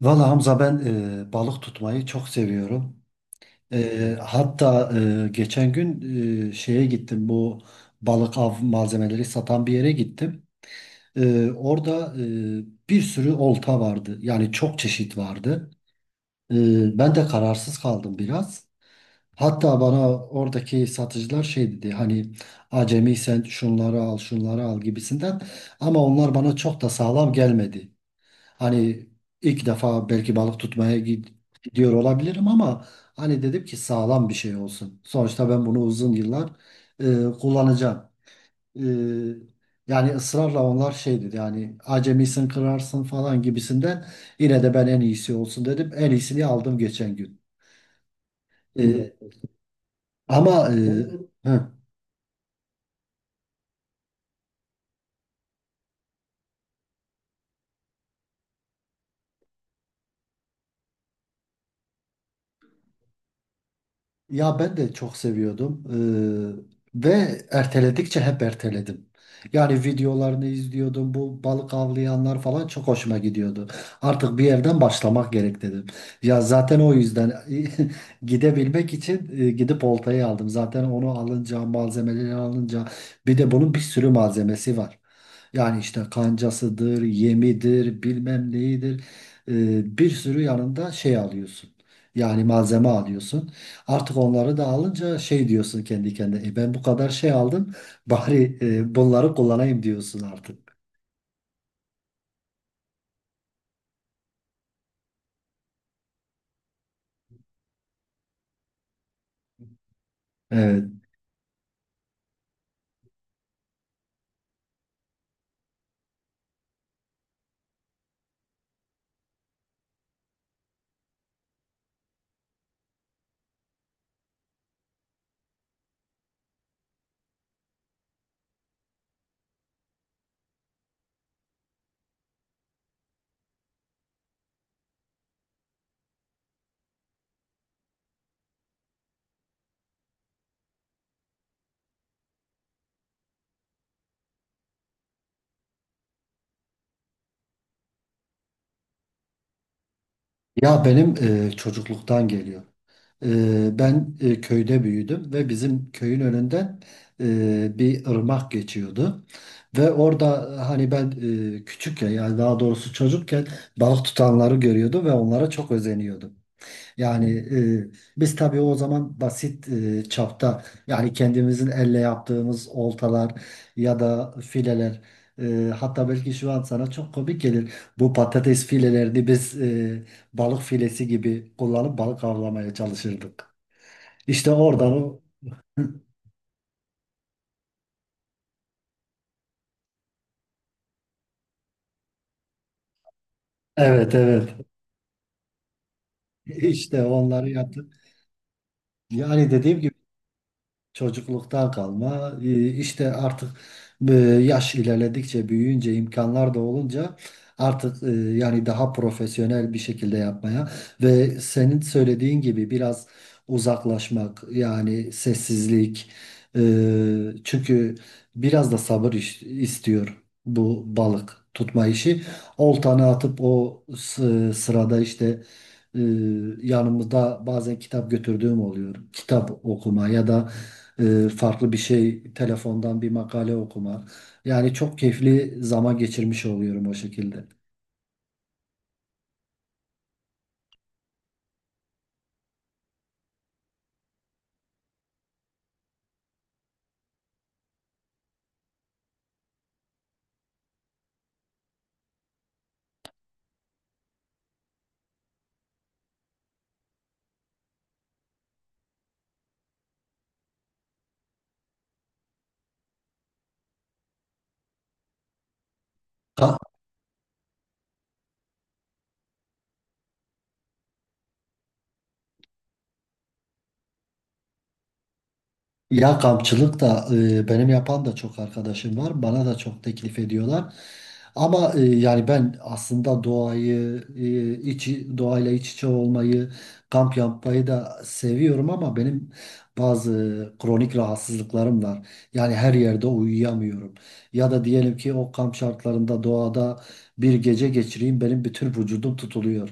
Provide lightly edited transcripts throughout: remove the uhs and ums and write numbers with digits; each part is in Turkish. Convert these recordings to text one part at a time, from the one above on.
Valla Hamza ben balık tutmayı çok seviyorum. Hatta geçen gün e, şeye gittim bu balık av malzemeleri satan bir yere gittim. Orada bir sürü olta vardı. Yani çok çeşit vardı. E, Ben de kararsız kaldım biraz. Hatta bana oradaki satıcılar şey dedi hani acemi sen şunları al şunları al gibisinden ama onlar bana çok da sağlam gelmedi. Hani ilk defa belki balık tutmaya gidiyor olabilirim ama hani dedim ki sağlam bir şey olsun. Sonuçta ben bunu uzun yıllar kullanacağım. E, Yani ısrarla onlar şey dedi yani acemisin kırarsın falan gibisinden yine de ben en iyisi olsun dedim. En iyisini aldım geçen gün. E, ama e, hı. Ya ben de çok seviyordum. Ve erteledikçe hep erteledim. Yani videolarını izliyordum. Bu balık avlayanlar falan çok hoşuma gidiyordu. Artık bir yerden başlamak gerek dedim. Ya zaten o yüzden gidebilmek için gidip oltayı aldım. Zaten onu alınca, malzemeleri alınca bir de bunun bir sürü malzemesi var. Yani işte kancasıdır, yemidir, bilmem neyidir. Bir sürü yanında şey alıyorsun. Yani malzeme alıyorsun. Artık onları da alınca şey diyorsun kendi kendine. "E, ben bu kadar şey aldım bari bunları kullanayım" diyorsun artık. Evet. Ya benim çocukluktan geliyor. Köyde büyüdüm ve bizim köyün önünden bir ırmak geçiyordu. Ve orada hani ben küçükken, yani daha doğrusu çocukken, balık tutanları görüyordum ve onlara çok özeniyordum. Yani e, biz tabii o zaman basit çapta yani kendimizin elle yaptığımız oltalar ya da fileler, hatta belki şu an sana çok komik gelir. Bu patates filelerini biz balık filesi gibi kullanıp balık avlamaya çalışırdık. İşte oradan o evet evet, işte onları yaptık. Yani dediğim gibi, çocukluktan kalma. İşte artık yaş ilerledikçe, büyüyünce, imkanlar da olunca artık yani daha profesyonel bir şekilde yapmaya ve senin söylediğin gibi biraz uzaklaşmak, yani sessizlik, e, çünkü biraz da sabır istiyor bu balık tutma işi. Oltanı atıp o sırada işte e, yanımızda bazen kitap götürdüğüm oluyor. Kitap okuma ya da farklı bir şey, telefondan bir makale okuma. Yani çok keyifli zaman geçirmiş oluyorum o şekilde. Ka- Ya kampçılık da benim yapan da çok arkadaşım var. Bana da çok teklif ediyorlar. Ama yani ben aslında doğayı, doğayla iç içe olmayı, kamp yapmayı da seviyorum ama benim bazı kronik rahatsızlıklarım var. Yani her yerde uyuyamıyorum. Ya da diyelim ki o kamp şartlarında doğada bir gece geçireyim, benim bütün vücudum tutuluyor.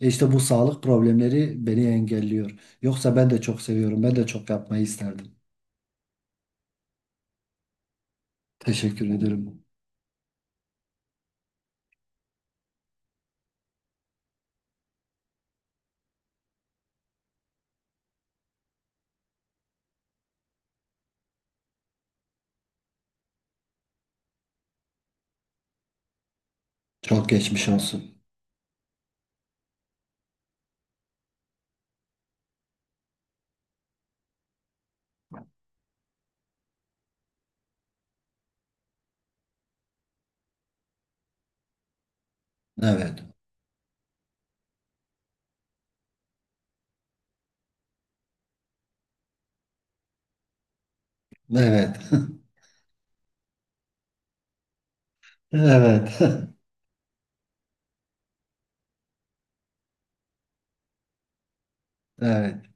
E işte bu sağlık problemleri beni engelliyor. Yoksa ben de çok seviyorum. Ben de çok yapmayı isterdim. Teşekkür ederim. Çok geçmiş olsun. Evet. Evet. Evet. Evet.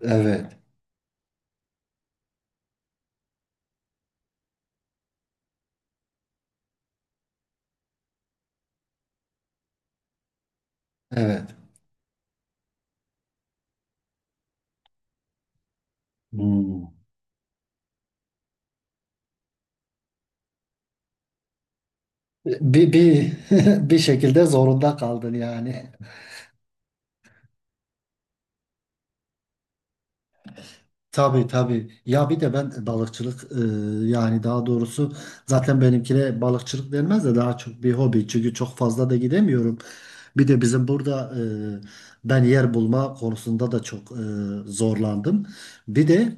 Evet. Evet. Hmm. Bir, bir, bir şekilde zorunda kaldın yani. Tabii tabii. Ya bir de ben balıkçılık, yani daha doğrusu zaten benimkine balıkçılık denmez de daha çok bir hobi. Çünkü çok fazla da gidemiyorum. Bir de bizim burada e, ben yer bulma konusunda da çok zorlandım. Bir de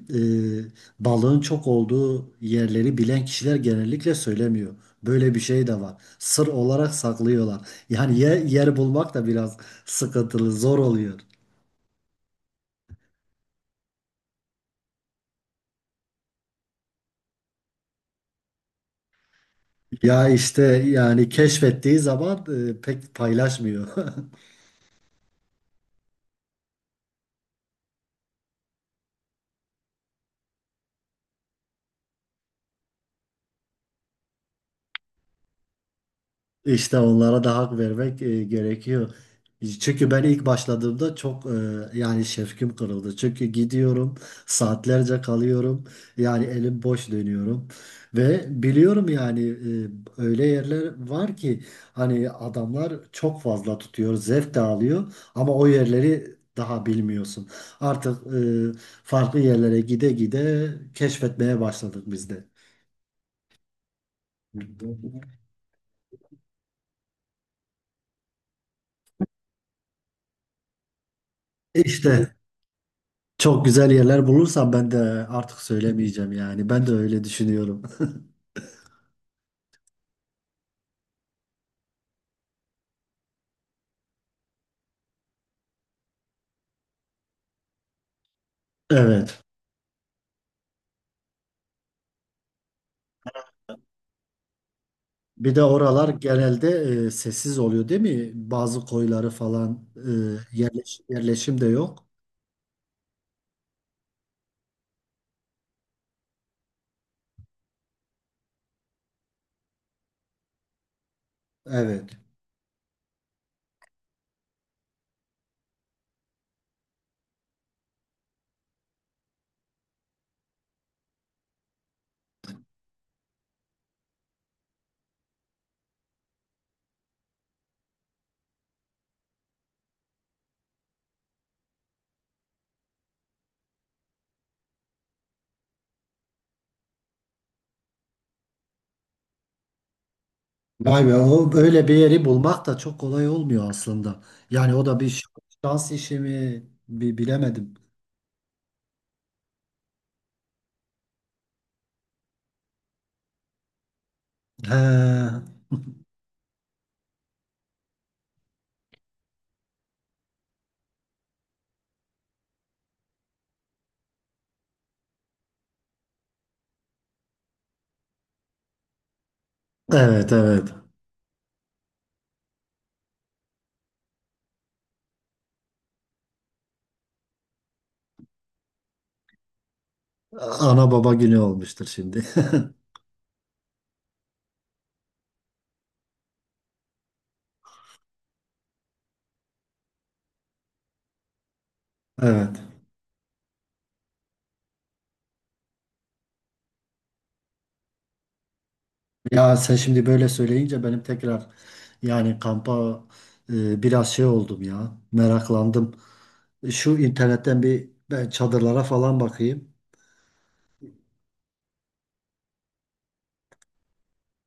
balığın çok olduğu yerleri bilen kişiler genellikle söylemiyor. Böyle bir şey de var. Sır olarak saklıyorlar. Yani yer bulmak da biraz sıkıntılı, zor oluyor. Ya işte yani keşfettiği zaman pek paylaşmıyor. İşte onlara da hak vermek gerekiyor. Çünkü ben ilk başladığımda çok yani şefkim kırıldı. Çünkü gidiyorum, saatlerce kalıyorum. Yani elim boş dönüyorum. Ve biliyorum yani öyle yerler var ki hani adamlar çok fazla tutuyor, zevk de alıyor ama o yerleri daha bilmiyorsun. Artık e, farklı yerlere gide gide keşfetmeye başladık biz de. İşte çok güzel yerler bulursam ben de artık söylemeyeceğim yani. Ben de öyle düşünüyorum. Evet. Bir de oralar genelde sessiz oluyor değil mi? Bazı koyları falan yerleşim de yok. Evet. Vay be, o böyle bir yeri bulmak da çok kolay olmuyor aslında. Yani o da bir şans işi mi, bilemedim. He. Evet evet. Ana baba günü olmuştur şimdi. Evet. Ya sen şimdi böyle söyleyince benim tekrar yani kampa biraz şey oldum ya. Meraklandım. Şu internetten bir ben çadırlara falan bakayım.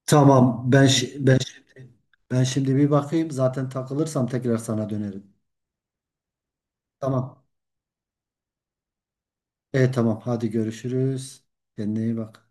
Tamam, ben şimdi bir bakayım. Zaten takılırsam tekrar sana dönerim. Tamam. E tamam, hadi görüşürüz. Kendine iyi bak.